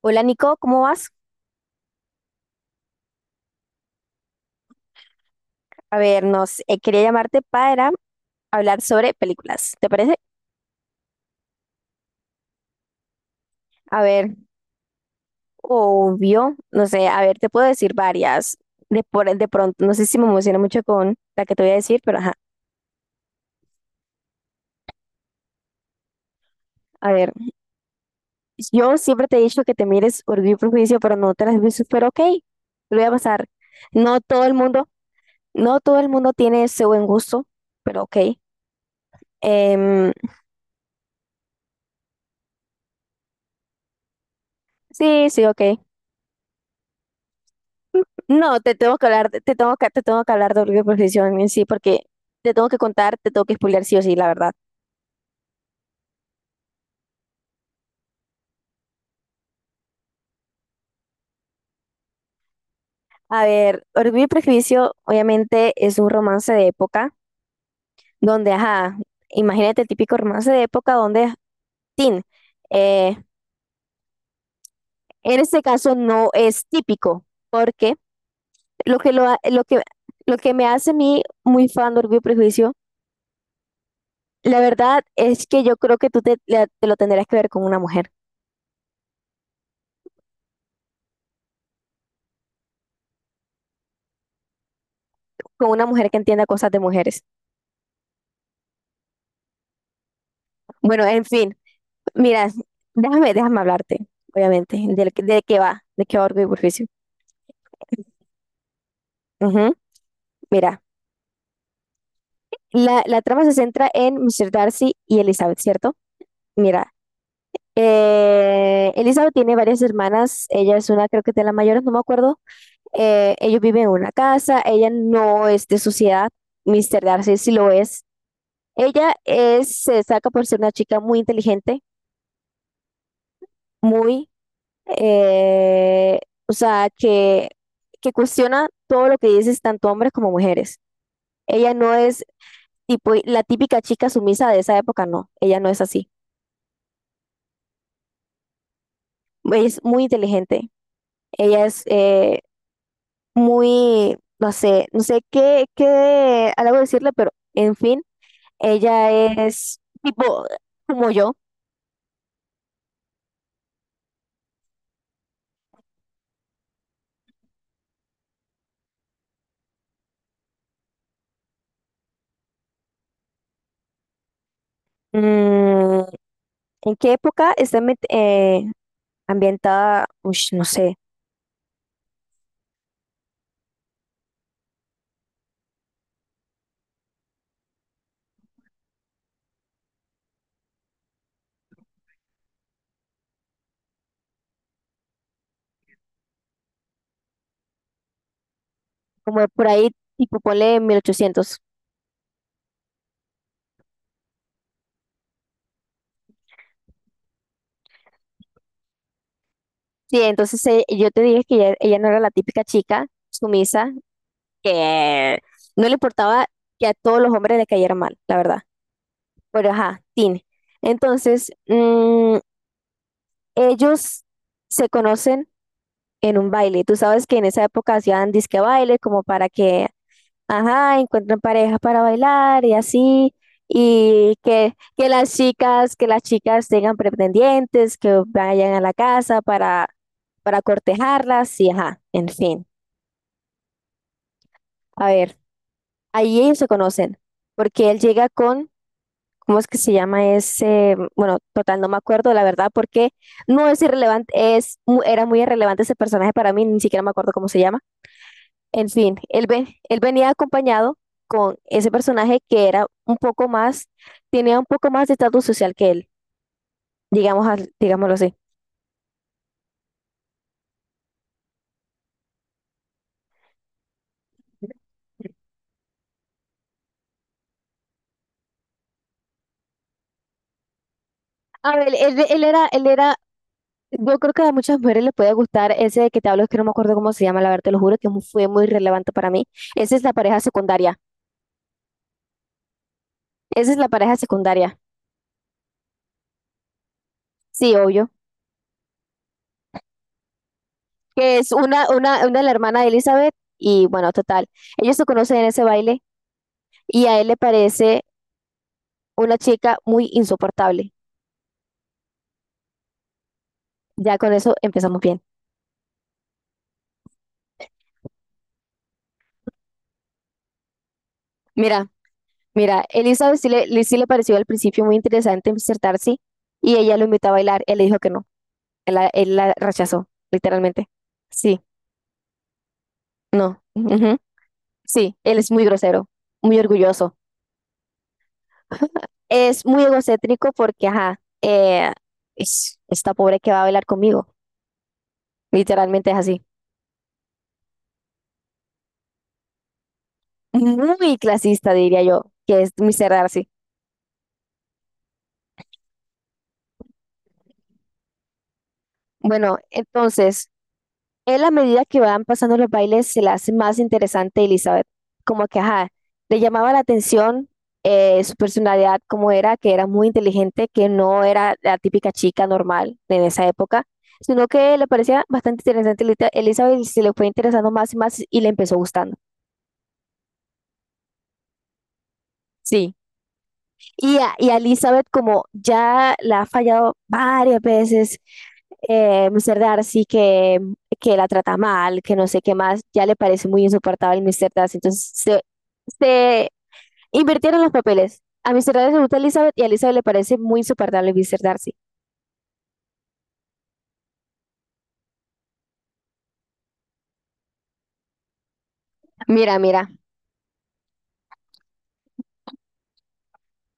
Hola Nico, ¿cómo vas? A ver, nos quería llamarte para hablar sobre películas, ¿te parece? A ver, obvio, no sé, a ver, te puedo decir varias de pronto, no sé si me emociona mucho con la que te voy a decir, pero ajá, a ver, yo siempre te he dicho que te mires Orgullo y Prejuicio, pero no te las has visto, pero ok, te lo voy a pasar. No todo el mundo, no todo el mundo tiene ese buen gusto, pero ok. Em, sí, sí, ok. No, te tengo que hablar, de Orgullo y Prejuicio en sí, porque te tengo que contar, te tengo que spoilear sí o sí, la verdad. A ver, Orgullo y Prejuicio obviamente es un romance de época donde, ajá, imagínate el típico romance de época donde, tin, eh, en este caso no es típico, porque lo que, lo, ha- lo que me hace a mí muy fan de Orgullo y Prejuicio, la verdad es que yo creo que tú te lo tendrías que ver con una mujer que entienda cosas de mujeres. Bueno, en fin. Mira, déjame hablarte, obviamente, de qué va Orgullo y Prejuicio. Ujú. Mira, la trama se centra en Mr. Darcy y Elizabeth, ¿cierto? Mira, Elizabeth tiene varias hermanas, ella es una, creo que de las mayores, no me acuerdo. Ellos viven en una casa, ella no es de sociedad, Mr. Darcy sí lo es. Ella es, se destaca por ser una chica muy inteligente, muy eh, o sea, que cuestiona todo lo que dices tanto hombres como mujeres. Ella no es tipo la típica chica sumisa de esa época, no, ella no es así. Ella es muy inteligente, ella es muy, no sé qué algo decirle, pero en fin, ella es tipo como yo. Mm, ¿En qué época está ambientada? Ush, no sé, como por ahí, tipo ponle 1800. Sí, entonces yo te dije que ella no era la típica chica sumisa que no le importaba que a todos los hombres le cayeran mal, la verdad. Pero ajá, Tin. Entonces, ellos se conocen en un baile. Tú sabes que en esa época hacían disque baile como para que, ajá, encuentren parejas para bailar y así. Y que, que las chicas tengan pretendientes, que vayan a la casa para cortejarlas y ajá, en fin. A ver, ahí ellos se conocen, porque él llega con, ¿cómo es que se llama ese? Bueno, total, no me acuerdo, la verdad, porque no es irrelevante, era muy irrelevante ese personaje para mí, ni siquiera me acuerdo cómo se llama. En fin, él venía acompañado con ese personaje que era un poco más, tenía un poco más de estatus social que él, digámoslo así. A ver, él era. Yo creo que a muchas mujeres les puede gustar ese que te hablo, es que no me acuerdo cómo se llama, la verdad, te lo juro que fue muy relevante para mí. Esa es la pareja secundaria. Esa es la pareja secundaria. Sí, obvio. Que es una de la hermana de Elizabeth y bueno, total. Ellos se conocen en ese baile y a él le parece una chica muy insoportable. Ya con eso empezamos bien. Mira, mira, Elizabeth sí le pareció al principio muy interesante insertarse y ella lo invitó a bailar. Él le dijo que no. Él la rechazó, literalmente. Sí. No. Ujú. Sí, él es muy grosero, muy orgulloso. Es muy egocéntrico porque, ajá, esta pobre que va a bailar conmigo. Literalmente es así. Muy clasista, diría yo, que es mi ser Darcy. Bueno, entonces. Él a medida que van pasando los bailes se le hace más interesante Elizabeth, como que, ajá, le llamaba la atención su personalidad, como era, que era muy inteligente, que no era la típica chica normal en esa época, sino que le parecía bastante interesante Elizabeth y se le fue interesando más y más y le empezó gustando. Sí. Y a Elizabeth, como ya la ha fallado varias veces, Mr. Darcy, que la trata mal, que no sé qué más, ya le parece muy insoportable Mr. Darcy. Entonces se invirtieron los papeles. A Mr. Darcy le gusta Elizabeth y a Elizabeth le parece muy insoportable Mr. Darcy. Mira, mira,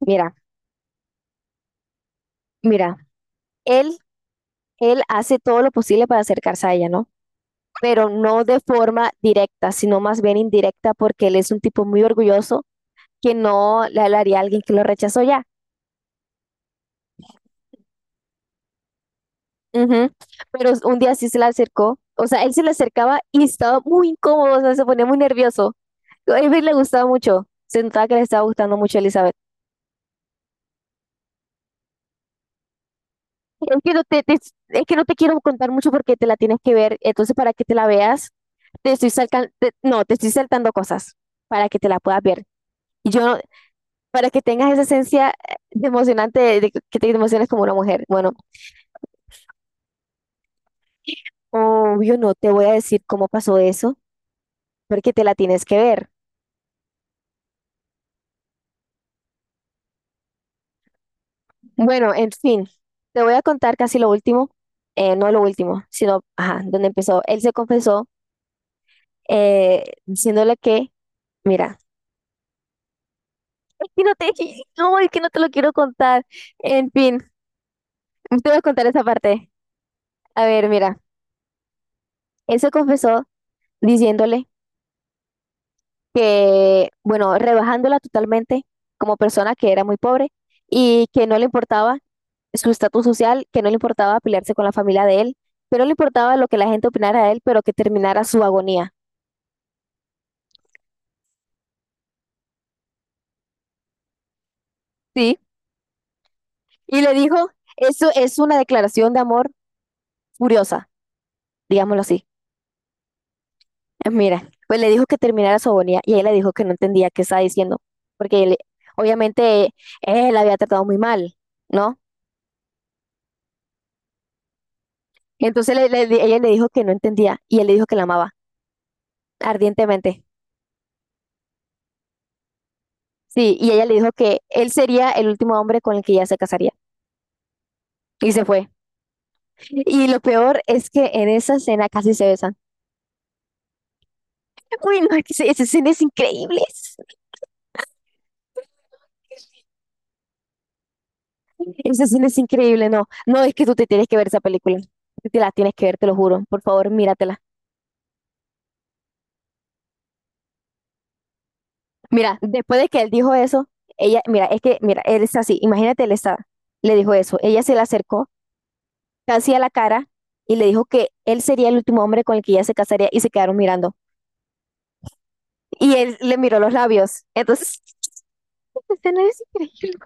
mira, mira. Él, él hace todo lo posible para acercarse a ella, ¿no? Pero no de forma directa, sino más bien indirecta, porque él es un tipo muy orgulloso que no le hablaría a alguien que lo rechazó ya. Ujú. Pero un día sí se le acercó, o sea, él se le acercaba y estaba muy incómodo, o sea, se ponía muy nervioso. A Avery le gustaba mucho, se notaba que le estaba gustando mucho a Elizabeth. Es que no te quiero contar mucho porque te la tienes que ver, entonces para que te la veas, te estoy salcan- te- no, te estoy saltando cosas para que te la puedas ver. Y yo, para que tengas esa esencia de emocionante, de que te emociones como una mujer. Bueno, obvio no te voy a decir cómo pasó eso porque te la tienes que ver. Bueno, en fin, te voy a contar casi lo último, no lo último, sino, ajá, donde empezó. Él se confesó diciéndole que, mira, es que no te, no, es que no te lo quiero contar. En fin, te voy a contar esa parte. A ver, mira, él se confesó diciéndole que, bueno, rebajándola totalmente como persona que era muy pobre y que no le importaba su estatus social, que no le importaba pelearse con la familia de él, que no le importaba lo que la gente opinara de él, pero que terminara su agonía, ¿sí? Y le dijo, eso es una declaración de amor furiosa, digámoslo así. Mira, pues le dijo que terminara su agonía y ella le dijo que no entendía qué estaba diciendo, porque obviamente él la había tratado muy mal, ¿no? Entonces ella le dijo que no entendía y él le dijo que la amaba ardientemente. Sí, y ella le dijo que él sería el último hombre con el que ella se casaría. Y se fue. Y lo peor es que en esa escena casi se besan. Uy, no, es que esa escena es increíble. Esa escena es increíble, no. No, es que tú te tienes que ver esa película. Tú te la tienes que ver, te lo juro. Por favor, míratela. Mira, después de que él dijo eso, ella, mira, es que, mira, él está así. Imagínate, él está, le dijo eso. Ella se le acercó casi a la cara y le dijo que él sería el último hombre con el que ella se casaría y se quedaron mirando. Y él le miró los labios. Entonces, esa escena es increíble.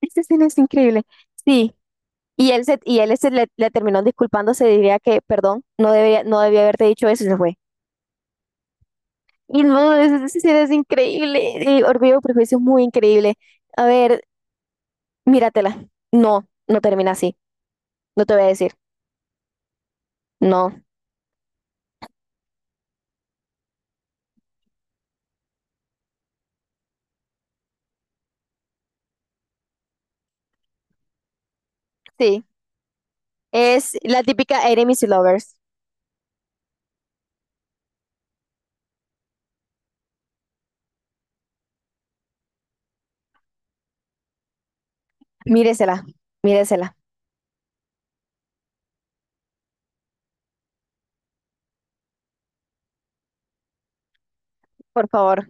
Esa escena es increíble. Sí. Y él, y él se le terminó disculpando, se diría que, perdón, no debía haberte dicho eso y se fue. Y no, es increíble. Y Orgullo y Prejuicio es muy increíble. A ver, míratela. No, no termina así. No te voy a decir. No. Sí. Es la típica Enemies to Lovers. Míresela. Míresela. Por favor.